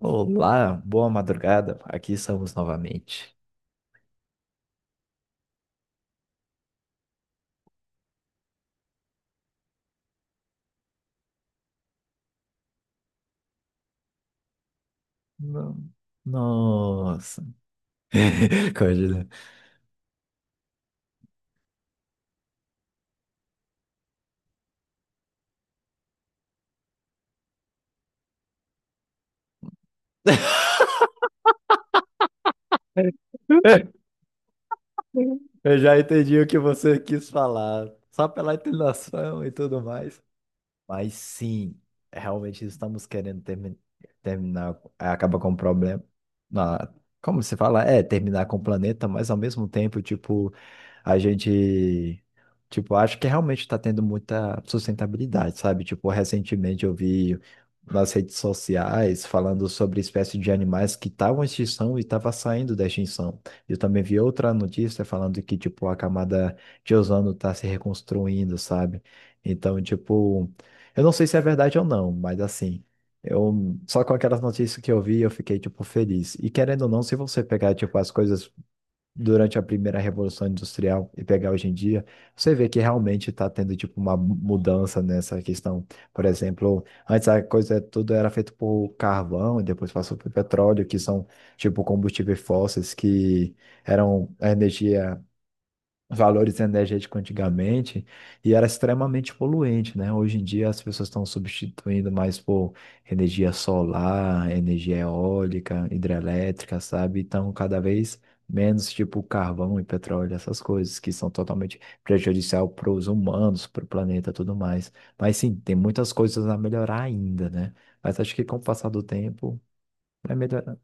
Olá, boa madrugada. Aqui estamos novamente. No- Nossa. Código. Eu já entendi o que você quis falar, só pela entonação e tudo mais. Mas sim, realmente estamos terminar, acaba com o problema. na- Como se fala? É, terminar com o planeta, mas ao mesmo tempo, tipo, a gente, tipo, acho que realmente está tendo muita sustentabilidade, sabe? Tipo, recentemente eu vi nas redes sociais falando sobre espécies de animais que estavam em extinção e estavam saindo da extinção. Eu também vi outra notícia falando que, tipo, a camada de ozono está se reconstruindo, sabe? Então, tipo. Eu não sei se é verdade ou não, mas assim, eu só com aquelas notícias que eu vi, eu fiquei tipo feliz. E querendo ou não, se você pegar tipo as coisas durante a primeira revolução industrial e pegar hoje em dia, você vê que realmente está tendo tipo uma mudança nessa questão. Por exemplo, antes a coisa tudo era feito por carvão e depois passou por petróleo, que são tipo combustíveis fósseis que eram a energia valores energéticos antigamente e era extremamente poluente, né? Hoje em dia as pessoas estão substituindo mais por energia solar, energia eólica, hidrelétrica, sabe? Então cada vez menos tipo carvão e petróleo, essas coisas que são totalmente prejudicial para os humanos, para o planeta, e tudo mais. Mas sim, tem muitas coisas a melhorar ainda, né? Mas acho que com o passar do tempo vai melhorar.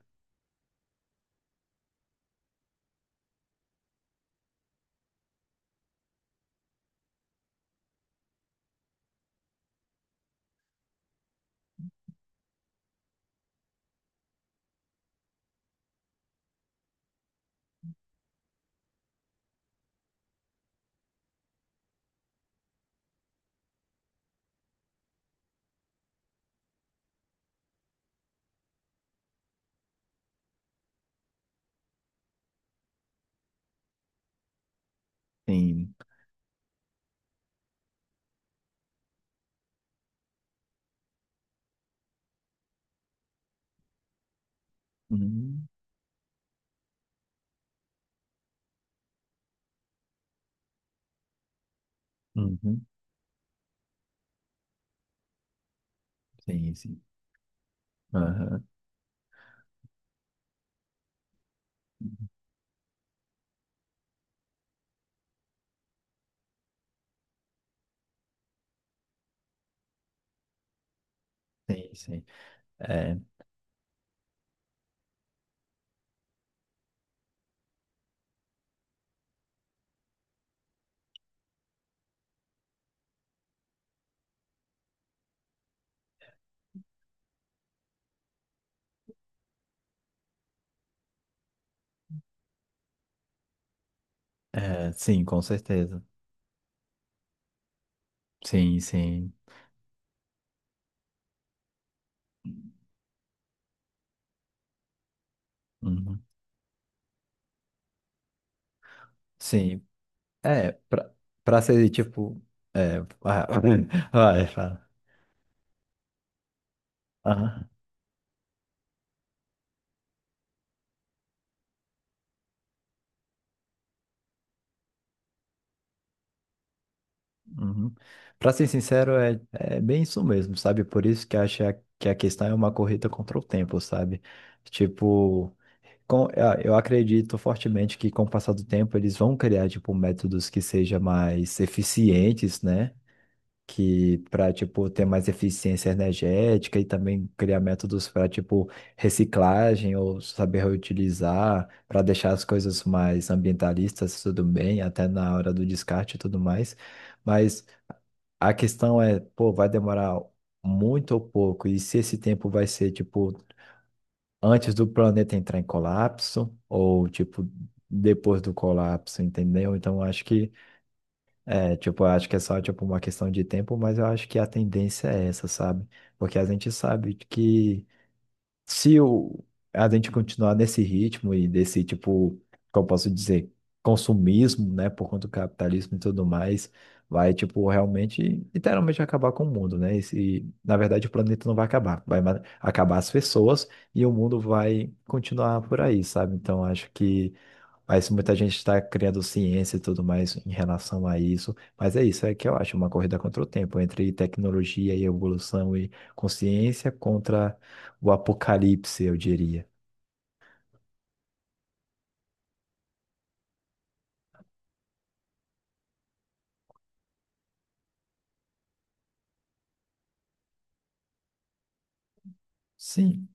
Sim. Uhum. Uhum. Sim, sim. Aham. Sim, sim. É. É, sim, com certeza. Sim, sim. Uhum. Sim. É, pra ser tipo. É, ah, vai, fala. Aham. Uhum. Pra ser sincero, é bem isso mesmo, sabe? Por isso que acho que a questão é uma corrida contra o tempo, sabe? Tipo, ah, eu acredito fortemente que com o passar do tempo eles vão criar, tipo, métodos que sejam mais eficientes, né? Que para tipo ter mais eficiência energética e também criar métodos para tipo reciclagem ou saber reutilizar para deixar as coisas mais ambientalistas tudo bem até na hora do descarte e tudo mais, mas a questão é pô, vai demorar muito ou pouco e se esse tempo vai ser tipo antes do planeta entrar em colapso ou tipo depois do colapso, entendeu? Então acho que é, tipo, eu acho que é só, tipo, uma questão de tempo, mas eu acho que a tendência é essa, sabe? Porque a gente sabe que se o, a gente continuar nesse ritmo e desse, tipo, como eu posso dizer, consumismo, né, por conta do capitalismo e tudo mais, vai, tipo, realmente, literalmente acabar com o mundo, né? E, na verdade, o planeta não vai acabar, vai acabar as pessoas e o mundo vai continuar por aí, sabe? Então, acho que mas muita gente está criando ciência e tudo mais em relação a isso. Mas é isso, é que eu acho uma corrida contra o tempo, entre tecnologia e evolução e consciência contra o apocalipse, eu diria. Sim.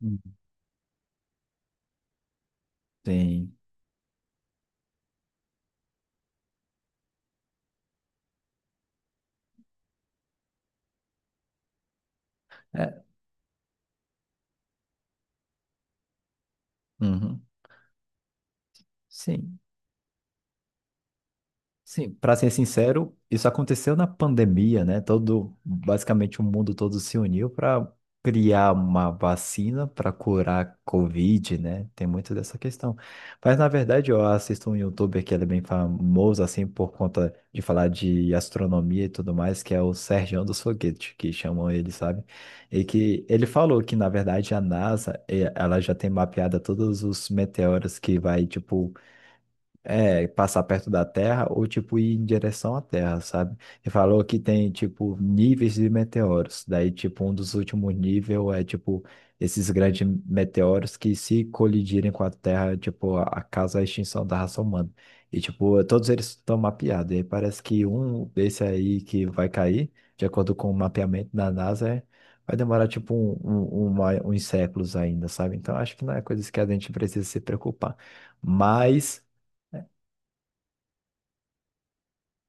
Uhum. Tem. É, uhum, sim. Sim, para ser sincero, isso aconteceu na pandemia, né? Todo, basicamente o mundo todo se uniu para criar uma vacina para curar a Covid, né? Tem muito dessa questão. Mas na verdade, eu assisto um YouTuber que ele é bem famoso assim por conta de falar de astronomia e tudo mais, que é o Sergião dos Foguetes, que chamam ele, sabe? E que ele falou que na verdade a NASA, ela já tem mapeada todos os meteoros que vai tipo é, passar perto da Terra ou, tipo, ir em direção à Terra, sabe? E falou que tem, tipo, níveis de meteoros. Daí, tipo, um dos últimos níveis é, tipo, esses grandes meteoros que se colidirem com a Terra, tipo, causa a extinção da raça humana. E, tipo, todos eles estão mapeados. E aí parece que um desse aí que vai cair, de acordo com o mapeamento da NASA, vai demorar, tipo, uns séculos ainda, sabe? Então, acho que não é coisa que a gente precisa se preocupar. Mas...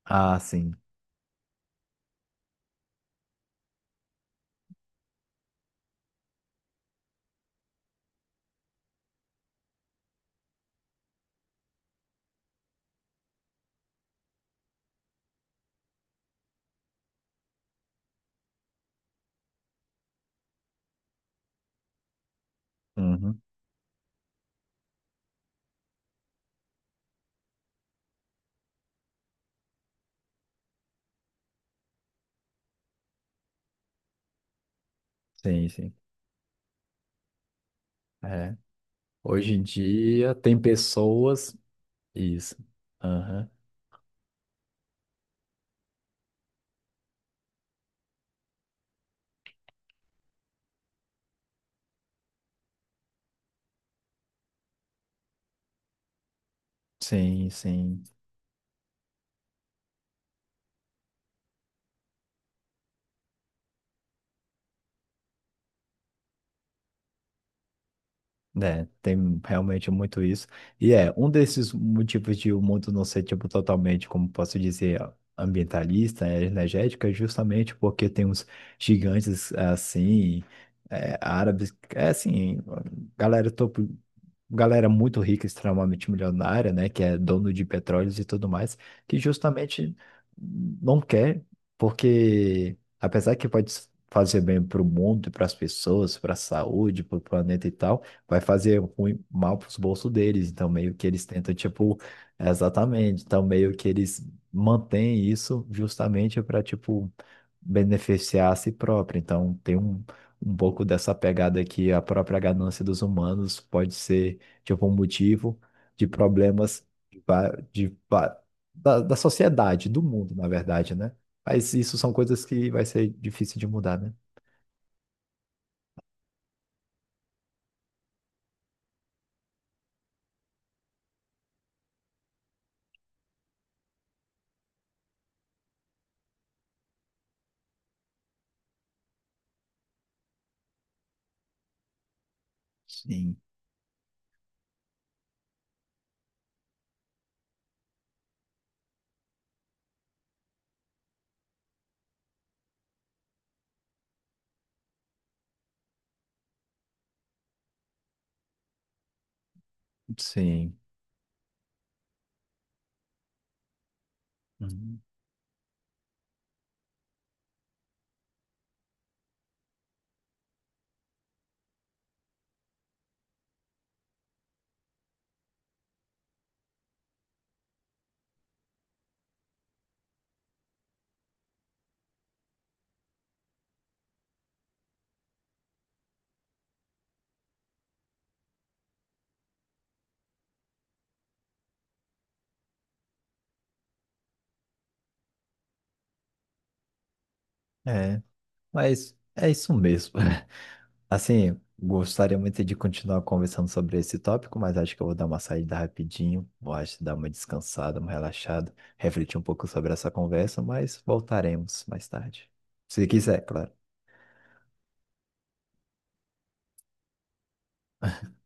Ah, sim. Uhum. Sim, sim. É. Hoje em dia tem pessoas. Isso. Aham. Sim, sim. É, tem realmente muito isso. E é, um desses motivos de o mundo não ser, tipo, totalmente, como posso dizer, ambientalista, é, energética, é justamente porque tem uns gigantes, assim, é, árabes, é assim, galera topo, galera muito rica, extremamente milionária, né, que é dono de petróleos e tudo mais, que justamente não quer, porque apesar que pode fazer bem para o mundo, para as pessoas, para a saúde, para o planeta e tal, vai fazer ruim, mal para os bolsos deles. Então meio que eles tentam, tipo, exatamente, então meio que eles mantêm isso justamente para, tipo, beneficiar a si próprio. Então tem um um pouco dessa pegada que a própria ganância dos humanos pode ser tipo, um motivo de problemas de, va- de va- da, da sociedade, do mundo, na verdade, né? Mas isso são coisas que vai ser difícil de mudar, né? Sim. Sim. Uhum. É, mas é isso mesmo. Assim, gostaria muito de continuar conversando sobre esse tópico, mas acho que eu vou dar uma saída rapidinho, vou acho, dar uma descansada, uma relaxada, refletir um pouco sobre essa conversa, mas voltaremos mais tarde. Se quiser, claro.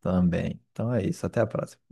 Também. Então é isso, até a próxima.